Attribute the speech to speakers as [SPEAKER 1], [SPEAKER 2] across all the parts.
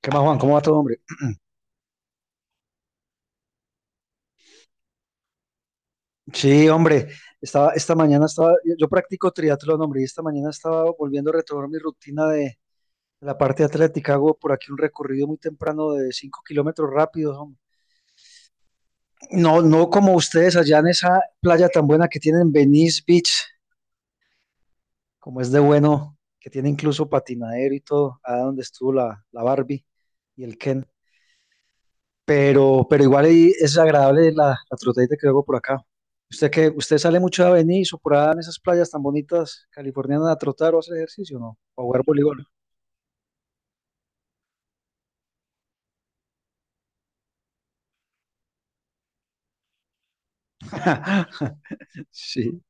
[SPEAKER 1] ¿Qué más, Juan? ¿Cómo va todo, hombre? Sí, hombre, estaba, esta mañana estaba, yo practico triatlón, hombre, y esta mañana estaba volviendo a retomar mi rutina de la parte atlética. Hago por aquí un recorrido muy temprano de 5 kilómetros rápidos, hombre. No, no como ustedes allá en esa playa tan buena que tienen, Venice Beach, como es de bueno, que tiene incluso patinadero y todo, allá donde estuvo la Barbie y el Ken. Pero igual ahí es agradable la trotadita que hago por acá. ¿Usted, que usted sale mucho a Venice o por allá en esas playas tan bonitas californianas a trotar o a hacer ejercicio, no? O a jugar voleibol. Sí.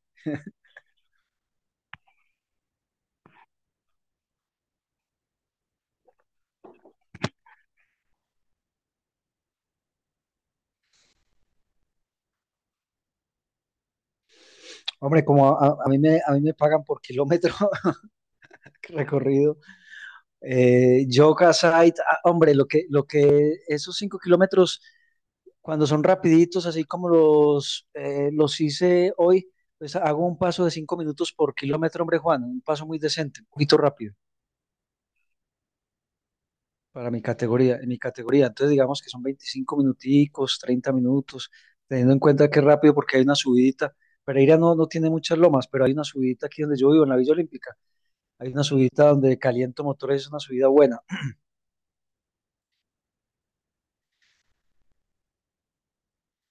[SPEAKER 1] Hombre, como a mí me pagan por kilómetro recorrido. Yoga site, ah, hombre, lo que esos cinco kilómetros, cuando son rapiditos, así como los hice hoy, pues hago un paso de 5 minutos por kilómetro, hombre, Juan, un paso muy decente, un poquito rápido para mi categoría, en mi categoría. Entonces digamos que son 25 minuticos, 30 minutos, teniendo en cuenta que es rápido porque hay una subidita. Pereira no tiene muchas lomas, pero hay una subidita aquí donde yo vivo, en la Villa Olímpica. Hay una subidita donde caliento motores, es una subida buena.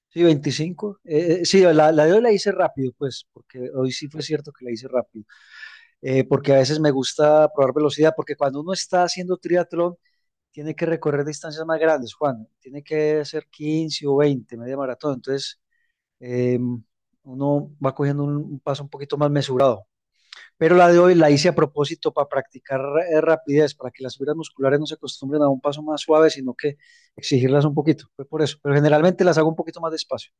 [SPEAKER 1] Sí, 25, sí, la de hoy la hice rápido, pues, porque hoy sí fue cierto que la hice rápido. Porque a veces me gusta probar velocidad, porque cuando uno está haciendo triatlón, tiene que recorrer distancias más grandes, Juan. Tiene que hacer 15 o 20, media maratón. Entonces, eh, uno va cogiendo un, paso un poquito más mesurado. Pero la de hoy la hice a propósito para practicar rapidez, para que las fibras musculares no se acostumbren a un paso más suave, sino que exigirlas un poquito. Fue por eso. Pero generalmente las hago un poquito más despacio.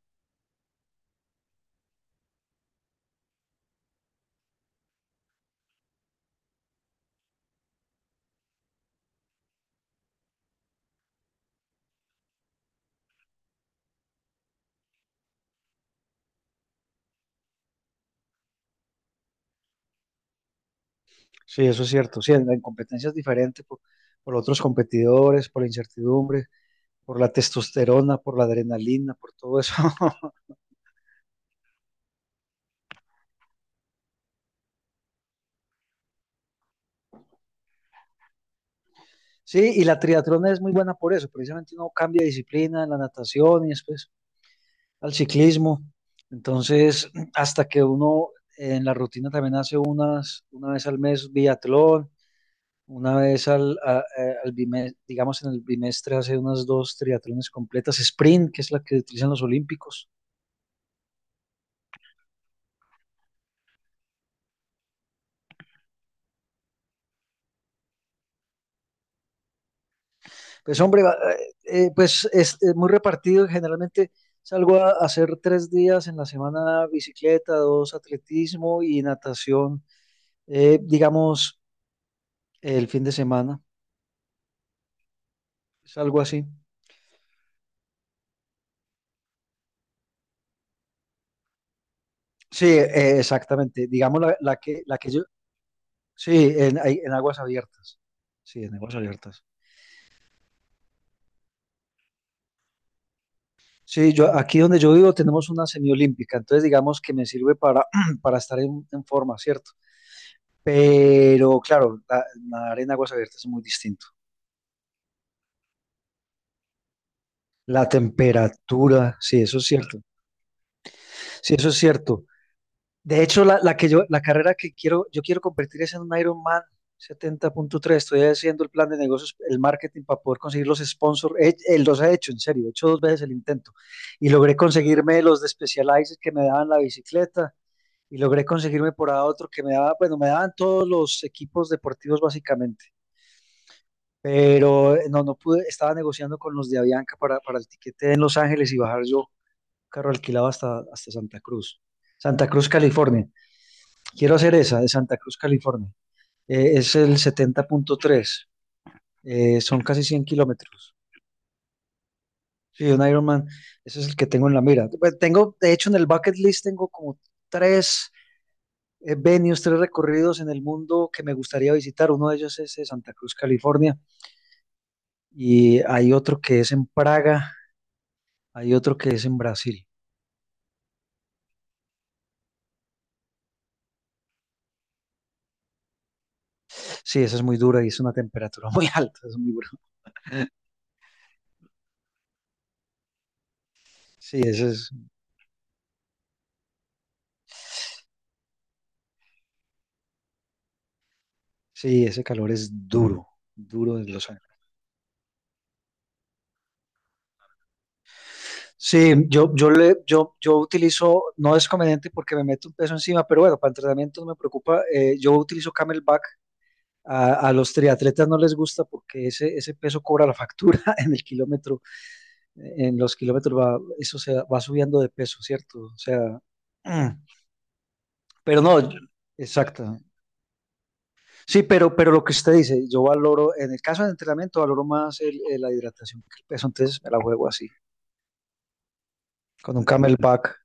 [SPEAKER 1] Sí, eso es cierto. Sí, en competencias diferentes, por otros competidores, por la incertidumbre, por la testosterona, por la adrenalina, por todo eso. Sí, y la triatlón es muy buena por eso. Precisamente uno cambia de disciplina en la natación y después al ciclismo. Entonces, hasta que uno en la rutina también hace unas, una vez al mes biatlón, una vez al, a- al bimestre, digamos, en el bimestre hace unas dos triatlones completas, sprint, que es la que utilizan los olímpicos. Pues hombre, pues es muy repartido, generalmente salgo a hacer tres días en la semana bicicleta, dos atletismo y natación, digamos el fin de semana, es algo así. Sí, exactamente. Digamos la que yo. Sí, en aguas abiertas. Sí, en aguas abiertas. Sí, yo aquí donde yo vivo tenemos una semiolímpica, entonces digamos que me sirve para, para estar en forma, ¿cierto? Pero claro, nadar en aguas abiertas es muy distinto. La temperatura, sí, eso es cierto. Sí, eso es cierto. De hecho, la carrera que quiero, yo quiero convertir es en un Ironman 70.3. Estoy haciendo el plan de negocios, el marketing para poder conseguir los sponsors. Los he hecho, en serio, he hecho dos veces el intento. Y logré conseguirme los de Specialized que me daban la bicicleta. Y logré conseguirme por ahí otro que me daba, bueno, me daban todos los equipos deportivos básicamente. Pero no, no pude, estaba negociando con los de Avianca para, el tiquete en Los Ángeles, y bajar yo carro alquilado hasta, hasta Santa Cruz. Santa Cruz, California. Quiero hacer esa de Santa Cruz, California. Es el 70.3. Son casi 100 kilómetros. Sí, un Ironman, ese es el que tengo en la mira. Pues tengo, de hecho, en el bucket list tengo como tres venues, tres recorridos en el mundo que me gustaría visitar. Uno de ellos es, Santa Cruz, California, y hay otro que es en Praga, hay otro que es en Brasil. Sí, esa es muy dura y es una temperatura muy alta, es muy duro. Sí, ese es, sí, ese calor es duro, duro de los. Sí, yo utilizo, no es conveniente porque me meto un peso encima, pero bueno, para entrenamiento no me preocupa. Yo utilizo Camelback. A los triatletas no les gusta porque ese peso cobra la factura en el kilómetro, en los kilómetros va, eso se va subiendo de peso, ¿cierto? O sea, mm, pero no, exacto. Sí, pero lo que usted dice, yo valoro, en el caso del entrenamiento, valoro más la hidratación que el peso, entonces me la juego así, con un camelback.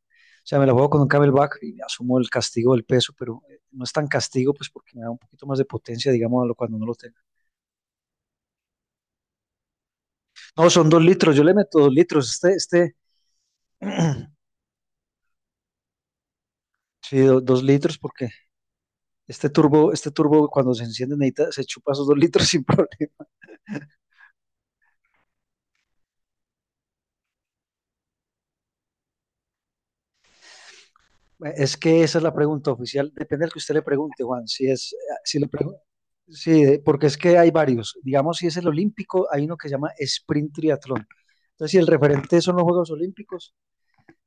[SPEAKER 1] O sea, me la juego con un camelback y asumo el castigo del peso, pero no es tan castigo, pues porque me da un poquito más de potencia, digamos, a lo cuando no lo tengo. No, son dos litros, yo le meto dos litros. Sí, dos litros, porque este turbo cuando se enciende necesita, se chupa esos dos litros sin problema. Es que esa es la pregunta oficial, depende del que usted le pregunte, Juan. Si es, ah, si le pregun- sí, porque es que hay varios. Digamos, si es el olímpico, hay uno que se llama sprint triatlón. Entonces, si el referente son los Juegos Olímpicos,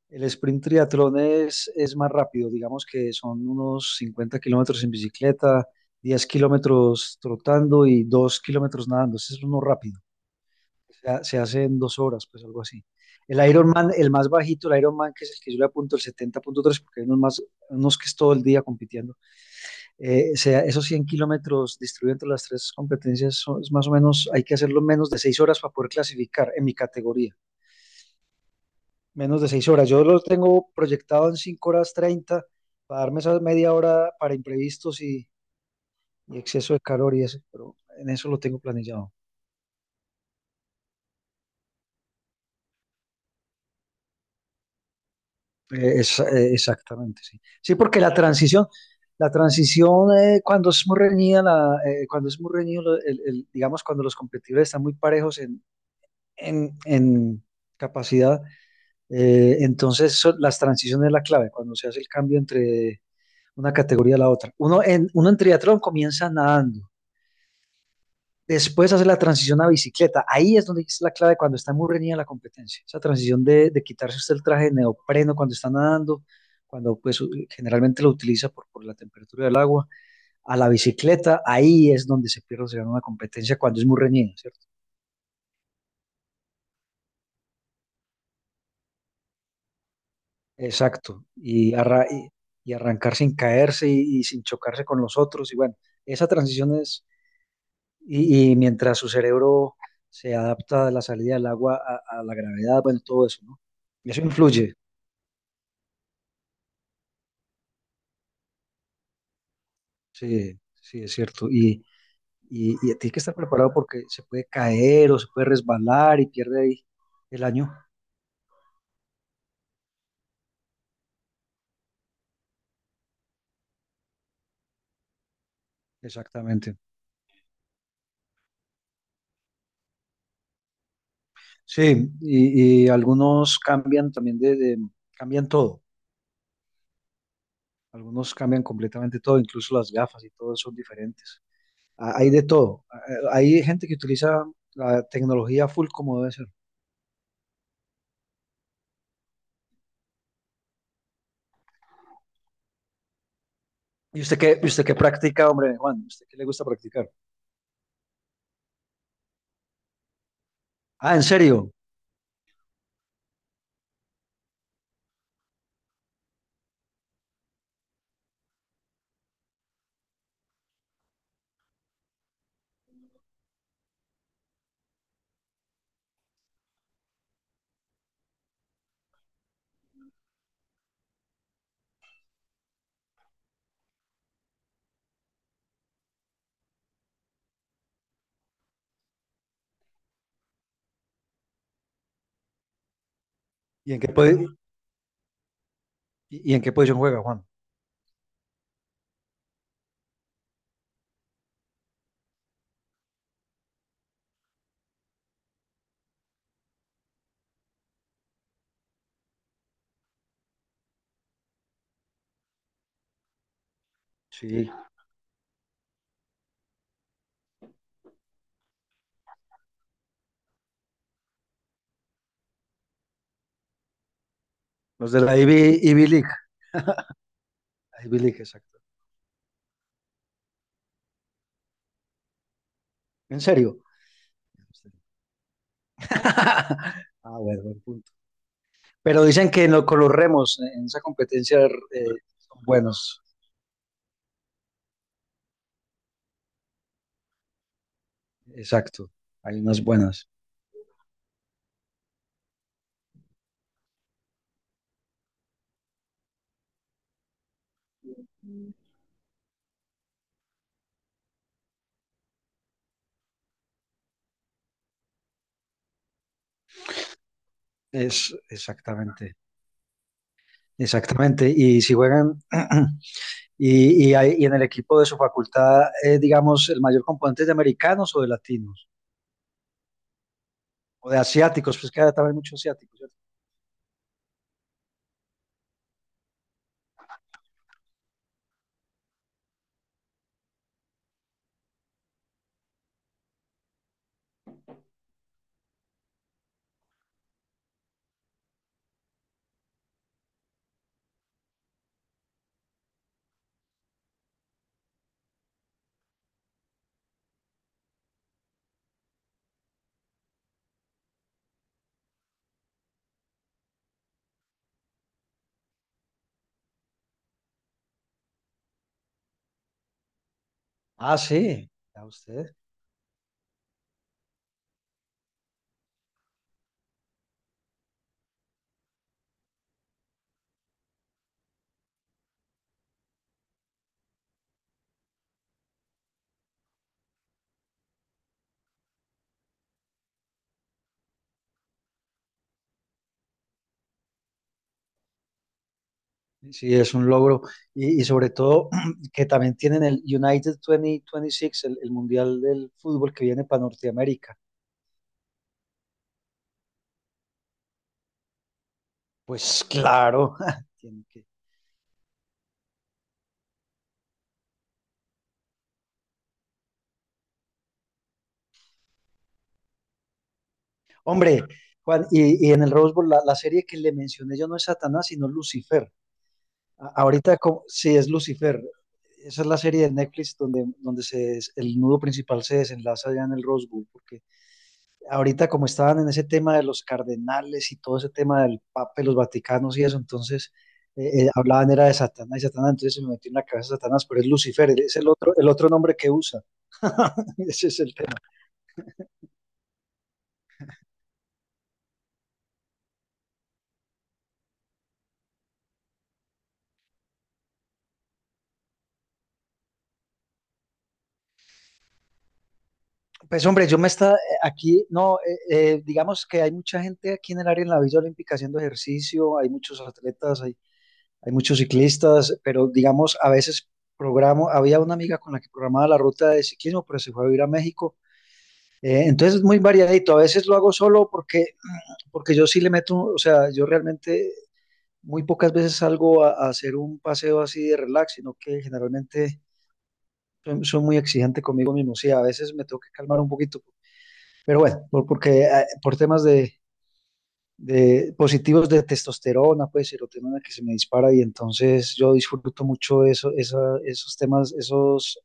[SPEAKER 1] el sprint triatlón es más rápido, digamos que son unos 50 kilómetros en bicicleta, 10 kilómetros trotando y 2 kilómetros nadando. Ese es uno rápido. Se hace en dos horas, pues algo así. El Ironman, el más bajito, el Ironman, que es el que yo le apunto el 70.3, porque hay unos más, unos que es todo el día compitiendo. Esos 100 kilómetros distribuidos entre las tres competencias, es más o menos, hay que hacerlo en menos de 6 horas para poder clasificar en mi categoría, menos de 6 horas. Yo lo tengo proyectado en 5 horas 30, para darme esa media hora para imprevistos y exceso de calor y eso, pero en eso lo tengo planillado. Exactamente, sí. Sí, porque la transición, la transición, cuando es muy reñido, digamos, cuando los competidores están muy parejos en, en capacidad, entonces las transiciones es la clave, cuando se hace el cambio entre una categoría a la otra. Uno en triatlón comienza nadando, después hace la transición a bicicleta. Ahí es donde es la clave cuando está muy reñida la competencia. Esa transición de, quitarse usted el traje de neopreno cuando está nadando, cuando pues generalmente lo utiliza por, la temperatura del agua, a la bicicleta, ahí es donde se pierde, se gana una competencia cuando es muy reñida, ¿cierto? Exacto. Y arrancar sin caerse y sin chocarse con los otros. Y bueno, esa transición es, y mientras su cerebro se adapta a la salida del agua, a la gravedad, bueno, todo eso, ¿no? Eso influye. Sí, sí, es cierto. Y tiene que estar preparado porque se puede caer o se puede resbalar y pierde ahí el año. Exactamente. Sí, y algunos cambian también cambian todo. Algunos cambian completamente todo, incluso las gafas y todo son diferentes. Ah, hay de todo. Ah, hay gente que utiliza la tecnología full como debe ser. Y usted qué practica, hombre, Juan? ¿Usted qué le gusta practicar? Ah, ¿en serio? ¿Y en qué, y, en qué posición juega, Juan? Sí, los de la Ivy, Ivy League. Ivy League, exacto. ¿En serio? Ah, bueno, buen punto. Pero dicen que no, con los remos, en esa competencia, son buenos. Exacto. Hay unas buenas. Es exactamente. Exactamente, y si juegan, y en el equipo de su facultad, digamos, el mayor componente es de americanos o de latinos, o de asiáticos, pues que hay también muchos asiáticos, ¿cierto? Ah, sí, ya usted. Sí, es un logro. Y sobre todo que también tienen el United 2026, el Mundial del Fútbol que viene para Norteamérica. Pues claro, tiene que- hombre, Juan, y en el Rose Bowl, la serie que le mencioné yo no es Satanás, sino Lucifer. Sí, es Lucifer. Esa es la serie de Netflix donde, el nudo principal se desenlaza ya en el Rose Bowl, porque ahorita como estaban en ese tema de los cardenales y todo ese tema del Papa, y los Vaticanos y eso, entonces hablaban era de Satanás y Satanás, entonces se me metió en la cabeza Satanás, pero es Lucifer, es el otro nombre que usa. Ese es el tema. Pues hombre, yo me está aquí, no, digamos que hay mucha gente aquí en el área en la Villa Olímpica haciendo ejercicio, hay muchos atletas, hay muchos ciclistas, pero digamos a veces programo, había una amiga con la que programaba la ruta de ciclismo, pero se fue a vivir a México. Entonces es muy variadito. A veces lo hago solo porque, porque yo sí le meto, o sea, yo realmente muy pocas veces salgo a hacer un paseo así de relax, sino que generalmente muy exigente conmigo mismo. Sí, a veces me tengo que calmar un poquito. Pero bueno, porque por temas de positivos de testosterona, pues serotonina que se me dispara y entonces yo disfruto mucho eso, esa, esos temas, esos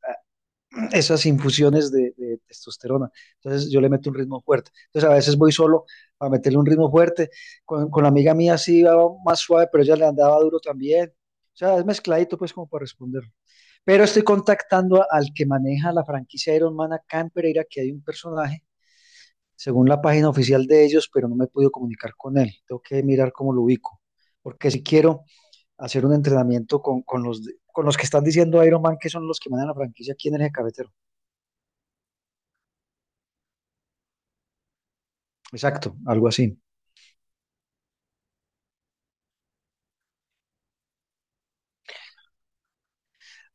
[SPEAKER 1] esas infusiones de, testosterona. Entonces yo le meto un ritmo fuerte. Entonces a veces voy solo a meterle un ritmo fuerte. Con la amiga mía sí iba más suave, pero ella le andaba duro también. O sea, es mezcladito pues como para responder. Pero estoy contactando a, al que maneja la franquicia Ironman acá en Pereira, que hay un personaje, según la página oficial de ellos, pero no me he podido comunicar con él. Tengo que mirar cómo lo ubico. Porque si quiero hacer un entrenamiento con, con los que están diciendo Ironman, que son los que manejan la franquicia aquí en el Eje Cafetero. Exacto, algo así.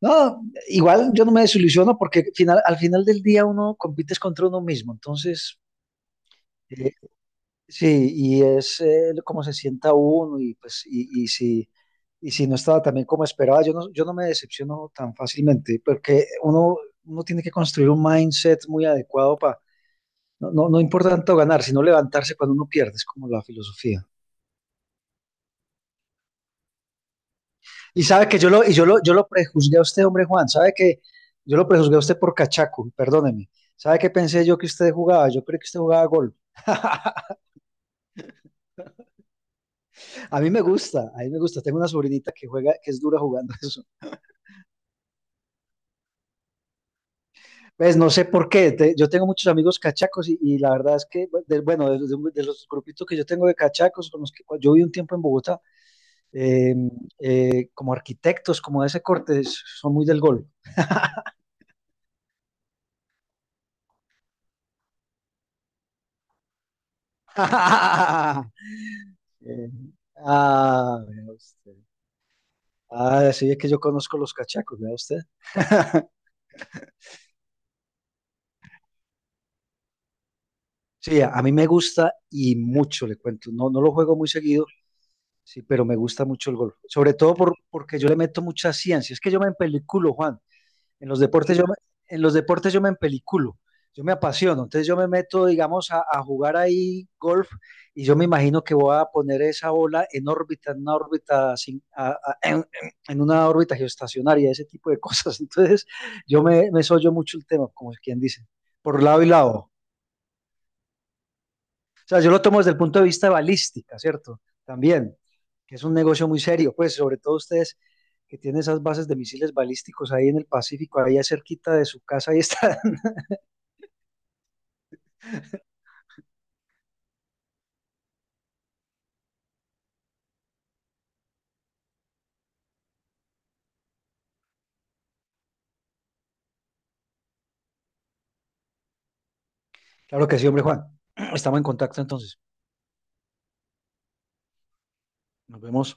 [SPEAKER 1] No, igual yo no me desilusiono porque al final del día uno compites contra uno mismo, entonces eh, sí, y es cómo se sienta uno y pues y si no estaba también como esperaba, yo no me decepciono tan fácilmente porque uno tiene que construir un mindset muy adecuado para no, no, no importa tanto ganar, sino levantarse cuando uno pierde, es como la filosofía. Y sabe que yo lo, y yo lo prejuzgué a usted, hombre Juan, sabe que yo lo prejuzgué a usted por cachaco, perdóneme. ¿Sabe qué pensé yo que usted jugaba? Yo creo que usted jugaba golf. A mí me gusta, a mí me gusta. Tengo una sobrinita que juega, que es dura jugando eso. Pues no sé por qué. Yo tengo muchos amigos cachacos y la verdad es que, bueno, de los grupitos que yo tengo de cachacos, con los que yo viví un tiempo en Bogotá, eh, como arquitectos, como de ese corte, son muy del golf. Ah, eh, ah, vea usted. Ah, sí, es que yo conozco los cachacos, vea usted. Sí, a mí me gusta y mucho, le cuento. No, no lo juego muy seguido, sí, pero me gusta mucho el golf. Sobre todo porque yo le meto mucha ciencia. Es que yo me empeliculo, Juan. En los deportes yo me, en los deportes yo me empeliculo, yo me apasiono, entonces yo me meto, digamos, a jugar ahí golf y yo me imagino que voy a poner esa bola en órbita, en una órbita, en una órbita geoestacionaria, ese tipo de cosas. Entonces me sollo mucho el tema, como quien dice, por lado y lado. O sea, yo lo tomo desde el punto de vista balística, ¿cierto? También, que es un negocio muy serio, pues sobre todo ustedes que tienen esas bases de misiles balísticos ahí en el Pacífico, ahí cerquita de su casa, ahí está. Claro que sí, hombre Juan. Estamos en contacto entonces. Nos vemos.